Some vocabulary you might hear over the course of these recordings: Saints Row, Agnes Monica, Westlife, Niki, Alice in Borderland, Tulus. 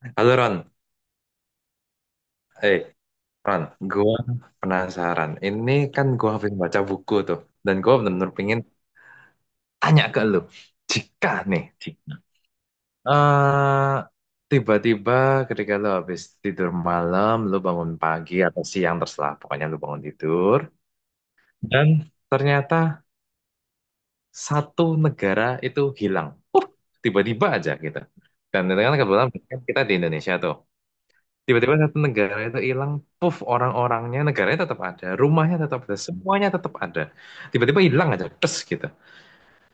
Halo Ron, eh Ron, gua penasaran. Ini kan gua habis baca buku tuh, dan gua benar-benar pengen tanya ke lu. Jika nih, Cik. eh tiba-tiba ketika lu habis tidur malam, lu bangun pagi atau siang terserah, pokoknya lu bangun tidur, dan ternyata satu negara itu hilang. Uh, Tiba-tiba aja gitu. Dan ternyata kebetulan kita di Indonesia tuh. Tiba-tiba satu negara itu hilang, puff orang-orangnya negaranya tetap ada, rumahnya tetap ada, semuanya tetap ada. Tiba-tiba hilang aja, terus gitu.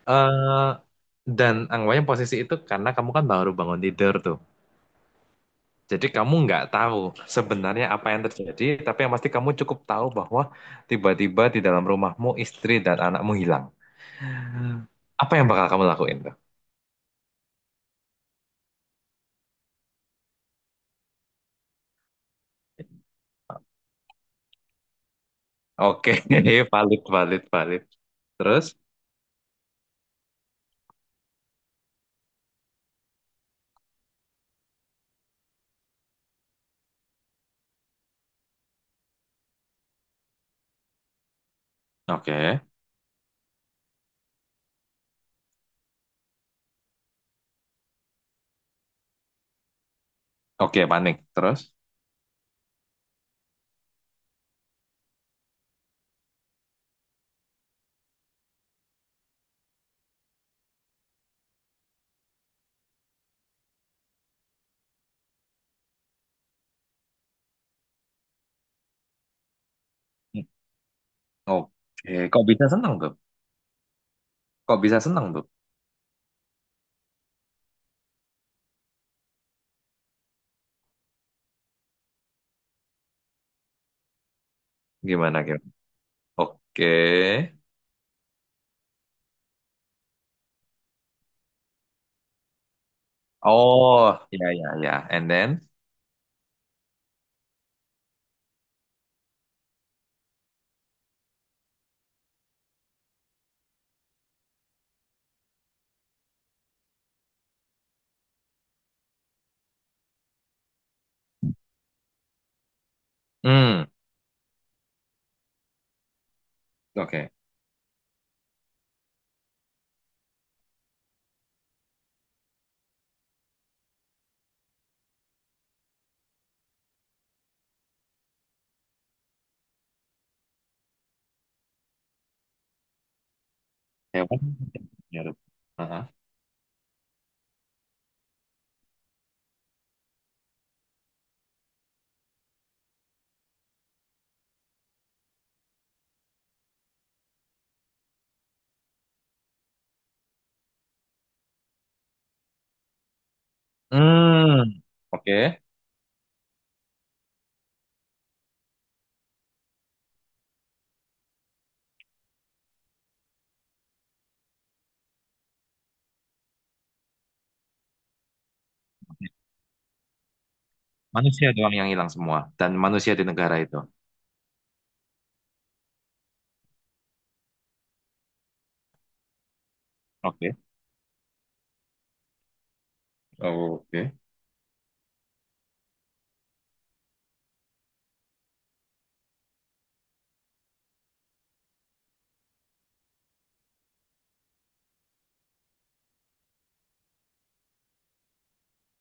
eh dan anggapannya posisi itu karena kamu kan baru bangun tidur tuh. Jadi kamu nggak tahu sebenarnya apa yang terjadi, tapi yang pasti kamu cukup tahu bahwa tiba-tiba di dalam rumahmu istri dan anakmu hilang. Apa yang bakal kamu lakuin tuh? Oke, valid, valid, valid. Terus, oke, oke, panik. Terus. Oke, kok bisa seneng tuh? Kok bisa seneng tuh? Gimana gimana? Oke. Oh, ya ya ya. And then, hmm, oke. Hewan ya. Heeh. Hmm, oke. Manusia doang yang hilang semua dan manusia di negara itu. Oke. Oke.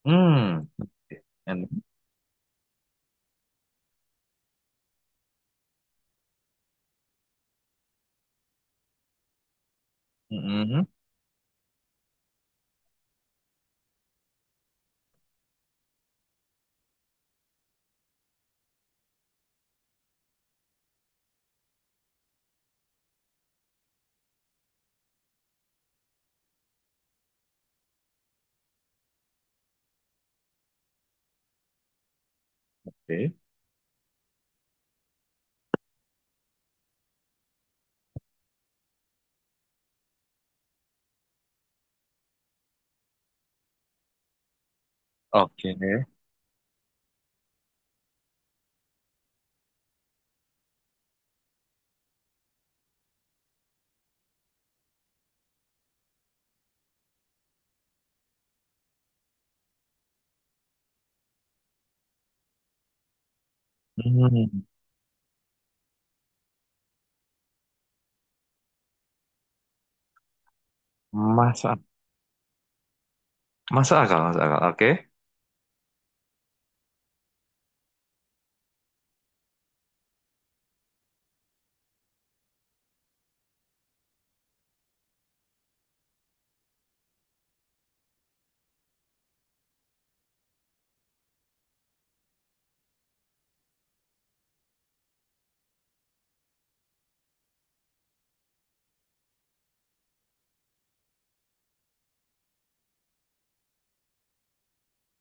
Hmm. Oke. And hmm, oke. Oke. Hmm. Masuk masuk akal, masuk akal. Oke.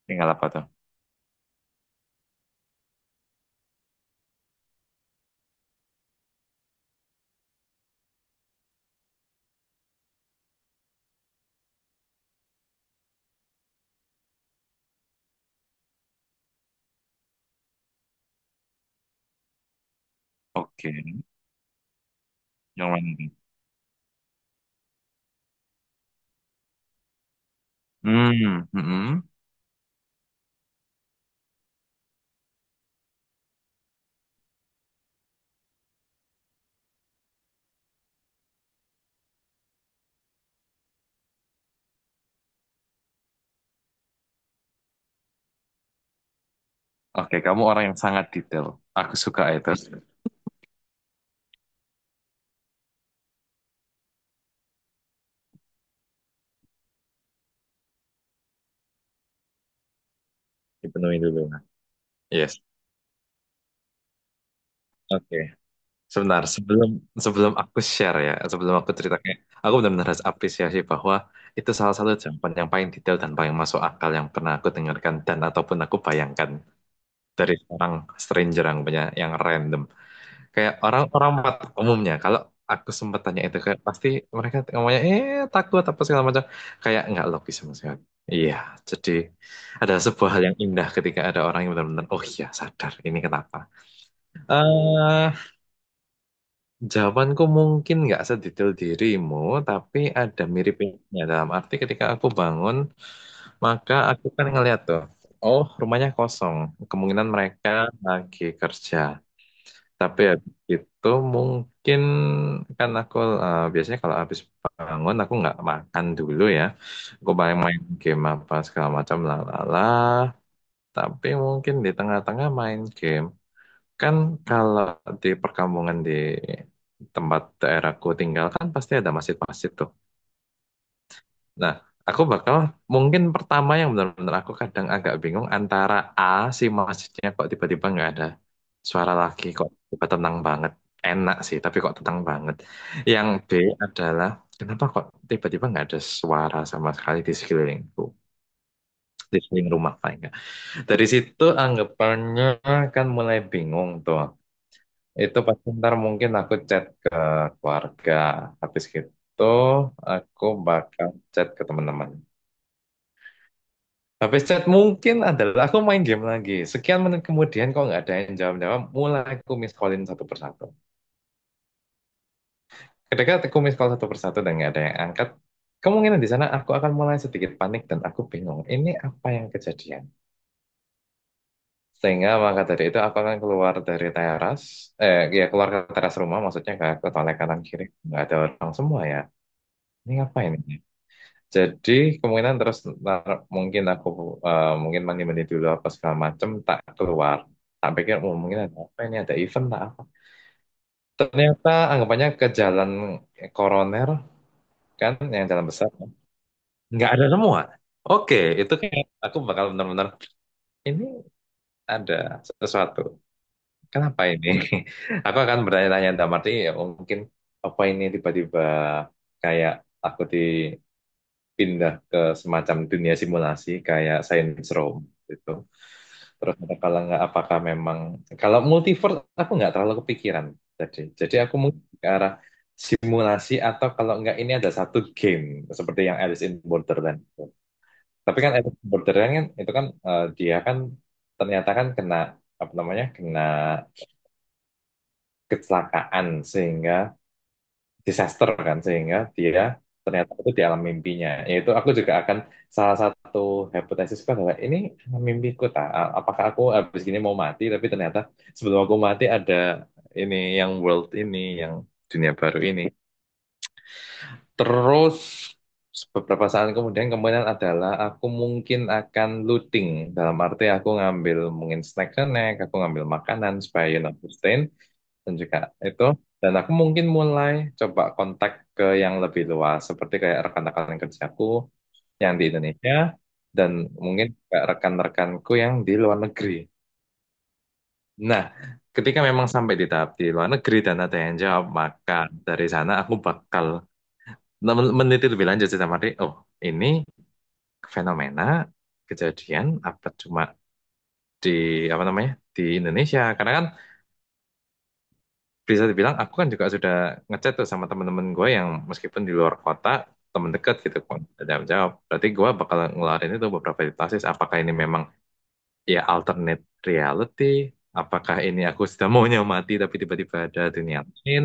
Tinggal apa tuh? Oke. Yang mana? Nih? Hmm. Hmm. Oke, kamu orang yang sangat detail. Aku suka itu. Dipenuhi dulu. Yes. Oke. Sebentar, sebelum sebelum aku share ya, sebelum aku ceritakan, aku benar-benar harus apresiasi bahwa itu salah satu jawaban yang paling detail dan paling masuk akal yang pernah aku dengarkan dan ataupun aku bayangkan dari orang stranger yang punya yang random. Kayak orang orang umumnya kalau aku sempat tanya itu kayak pasti mereka ngomongnya takut apa segala macam kayak nggak logis sama sekali. Iya, jadi ada sebuah hal yang indah ketika ada orang yang benar-benar oh iya sadar ini kenapa. Eh, Jawabanku mungkin nggak sedetail dirimu, tapi ada miripnya dalam arti ketika aku bangun maka aku kan ngeliat tuh, oh rumahnya kosong, kemungkinan mereka lagi kerja. Tapi habis itu mungkin kan aku biasanya kalau habis bangun aku nggak makan dulu ya. Aku paling main game apa segala macam lalala. Tapi mungkin di tengah-tengah main game. Kan kalau di perkampungan di tempat daerahku tinggal kan pasti ada masjid-masjid tuh. Nah, aku bakal mungkin pertama yang benar-benar aku kadang agak bingung antara A si masjidnya kok tiba-tiba nggak ada suara lagi kok tiba tenang banget. Enak sih, tapi kok tenang banget. Yang B adalah kenapa kok tiba-tiba nggak ada suara sama sekali di sekelilingku, di sekeliling rumah paling nggak. Dari situ anggapannya kan mulai bingung tuh. Itu pasti ntar mungkin aku chat ke keluarga. Habis gitu aku bakal chat ke teman-teman. Habis chat mungkin adalah aku main game lagi. Sekian menit kemudian kok nggak ada yang jawab-jawab, mulai aku miss callin satu persatu. Ketika aku miss call satu persatu dan nggak ada yang angkat, kemungkinan di sana aku akan mulai sedikit panik dan aku bingung. Ini apa yang kejadian? Sehingga maka dari itu aku akan keluar dari teras, ya keluar ke teras rumah maksudnya ke toilet kanan kiri. Nggak ada orang semua ya. Ini apa ini? Jadi kemungkinan terus ntar mungkin aku mungkin mandi-mandi dulu apa segala macem tak keluar. Tak pikir oh, mungkin ada apa ini ada event tak apa. Ternyata anggapannya ke jalan Koroner kan yang jalan besar kan. Nggak ada semua. Oke, itu kayak aku bakal benar-benar ini ada sesuatu. Kenapa ini? Aku akan bertanya-tanya dalam arti ya mungkin apa ini tiba-tiba kayak aku di pindah ke semacam dunia simulasi kayak Saints Row gitu. Terus ada kalau nggak apakah memang kalau multiverse aku nggak terlalu kepikiran. Jadi aku mungkin ke arah simulasi atau kalau nggak ini ada satu game seperti yang Alice in Borderland. Tapi kan Alice in Borderland kan itu kan eh, dia kan ternyata kan kena apa namanya kena kecelakaan sehingga disaster kan sehingga dia ternyata itu di alam mimpinya yaitu aku juga akan salah satu hipotesisku adalah ini alam mimpiku tak apakah aku habis gini mau mati tapi ternyata sebelum aku mati ada ini yang world ini yang dunia baru ini terus beberapa saat kemudian kemungkinan adalah aku mungkin akan looting dalam arti aku ngambil mungkin snack snack aku ngambil makanan supaya sustain dan juga itu dan aku mungkin mulai coba kontak ke yang lebih luas seperti kayak rekan-rekan kerjaku yang di Indonesia dan mungkin kayak rekan-rekanku yang di luar negeri. Nah, ketika memang sampai di tahap di luar negeri dan ada yang jawab, maka dari sana aku bakal meneliti lebih lanjut sih sama dia. Oh, ini fenomena kejadian apa cuma di apa namanya di Indonesia karena kan bisa dibilang aku kan juga sudah ngechat tuh sama temen-temen gue yang meskipun di luar kota temen dekat gitu kan jawab jawab berarti gue bakal ngeluarin itu beberapa hipotesis apakah ini memang ya alternate reality apakah ini aku sudah maunya mati tapi tiba-tiba ada dunia lain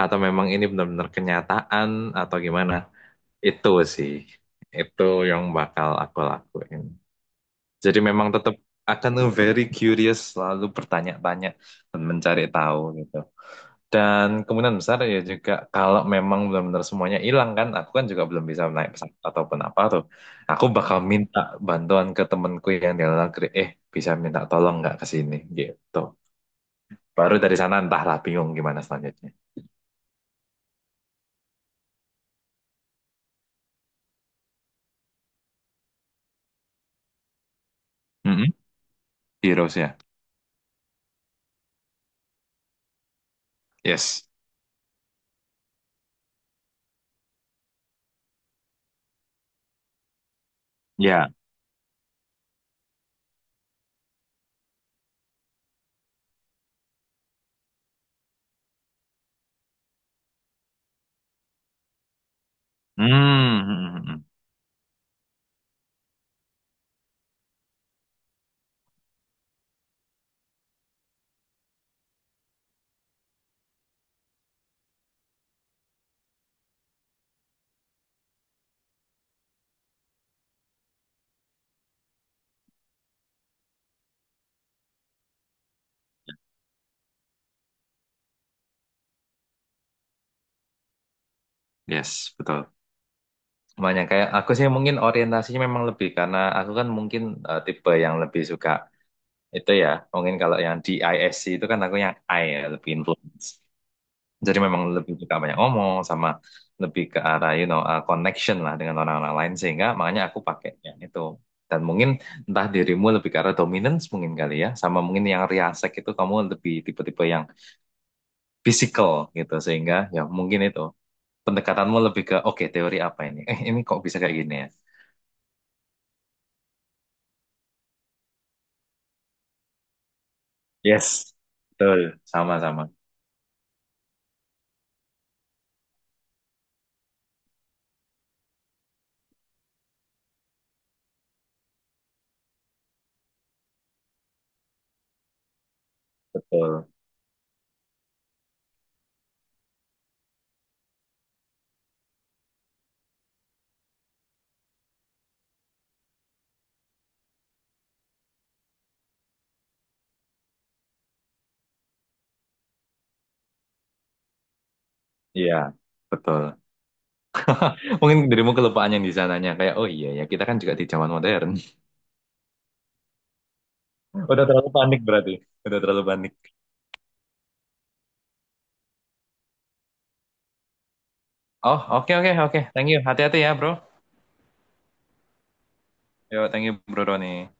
atau memang ini benar-benar kenyataan atau gimana itu sih itu yang bakal aku lakuin jadi memang tetap akan very curious selalu bertanya-tanya dan mencari tahu gitu dan kemungkinan besar ya juga kalau memang benar-benar semuanya hilang kan, aku kan juga belum bisa naik pesawat ataupun apa tuh. Aku bakal minta bantuan ke temenku yang di luar negeri, bisa minta tolong nggak ke sini gitu. Baru dari sana entahlah bingung gimana selanjutnya. Mm-mm. Heroes ya. Yes. Ya. Hmm. Hmm, hmm, hmm. Yes, betul. Makanya kayak aku sih mungkin orientasinya memang lebih karena aku kan mungkin tipe yang lebih suka itu ya. Mungkin kalau yang di ISC itu kan aku yang I ya, lebih influence. Jadi memang lebih suka banyak ngomong sama lebih ke arah connection lah dengan orang-orang lain sehingga makanya aku pakainya itu. Dan mungkin entah dirimu lebih ke arah dominance mungkin kali ya sama mungkin yang riasek itu kamu lebih tipe-tipe yang physical gitu sehingga ya mungkin itu pendekatanmu lebih ke oke teori apa ini? Eh ini kok bisa kayak gini ya? Yes. Betul, sama-sama. Betul. Iya, betul. Mungkin dirimu kelupaan yang di sananya kayak oh iya ya kita kan juga di zaman modern. Udah terlalu panik berarti. Udah terlalu panik. Oh, oke, oke, oke. Thank you. Hati-hati ya, bro. Yo, thank you, bro Roni.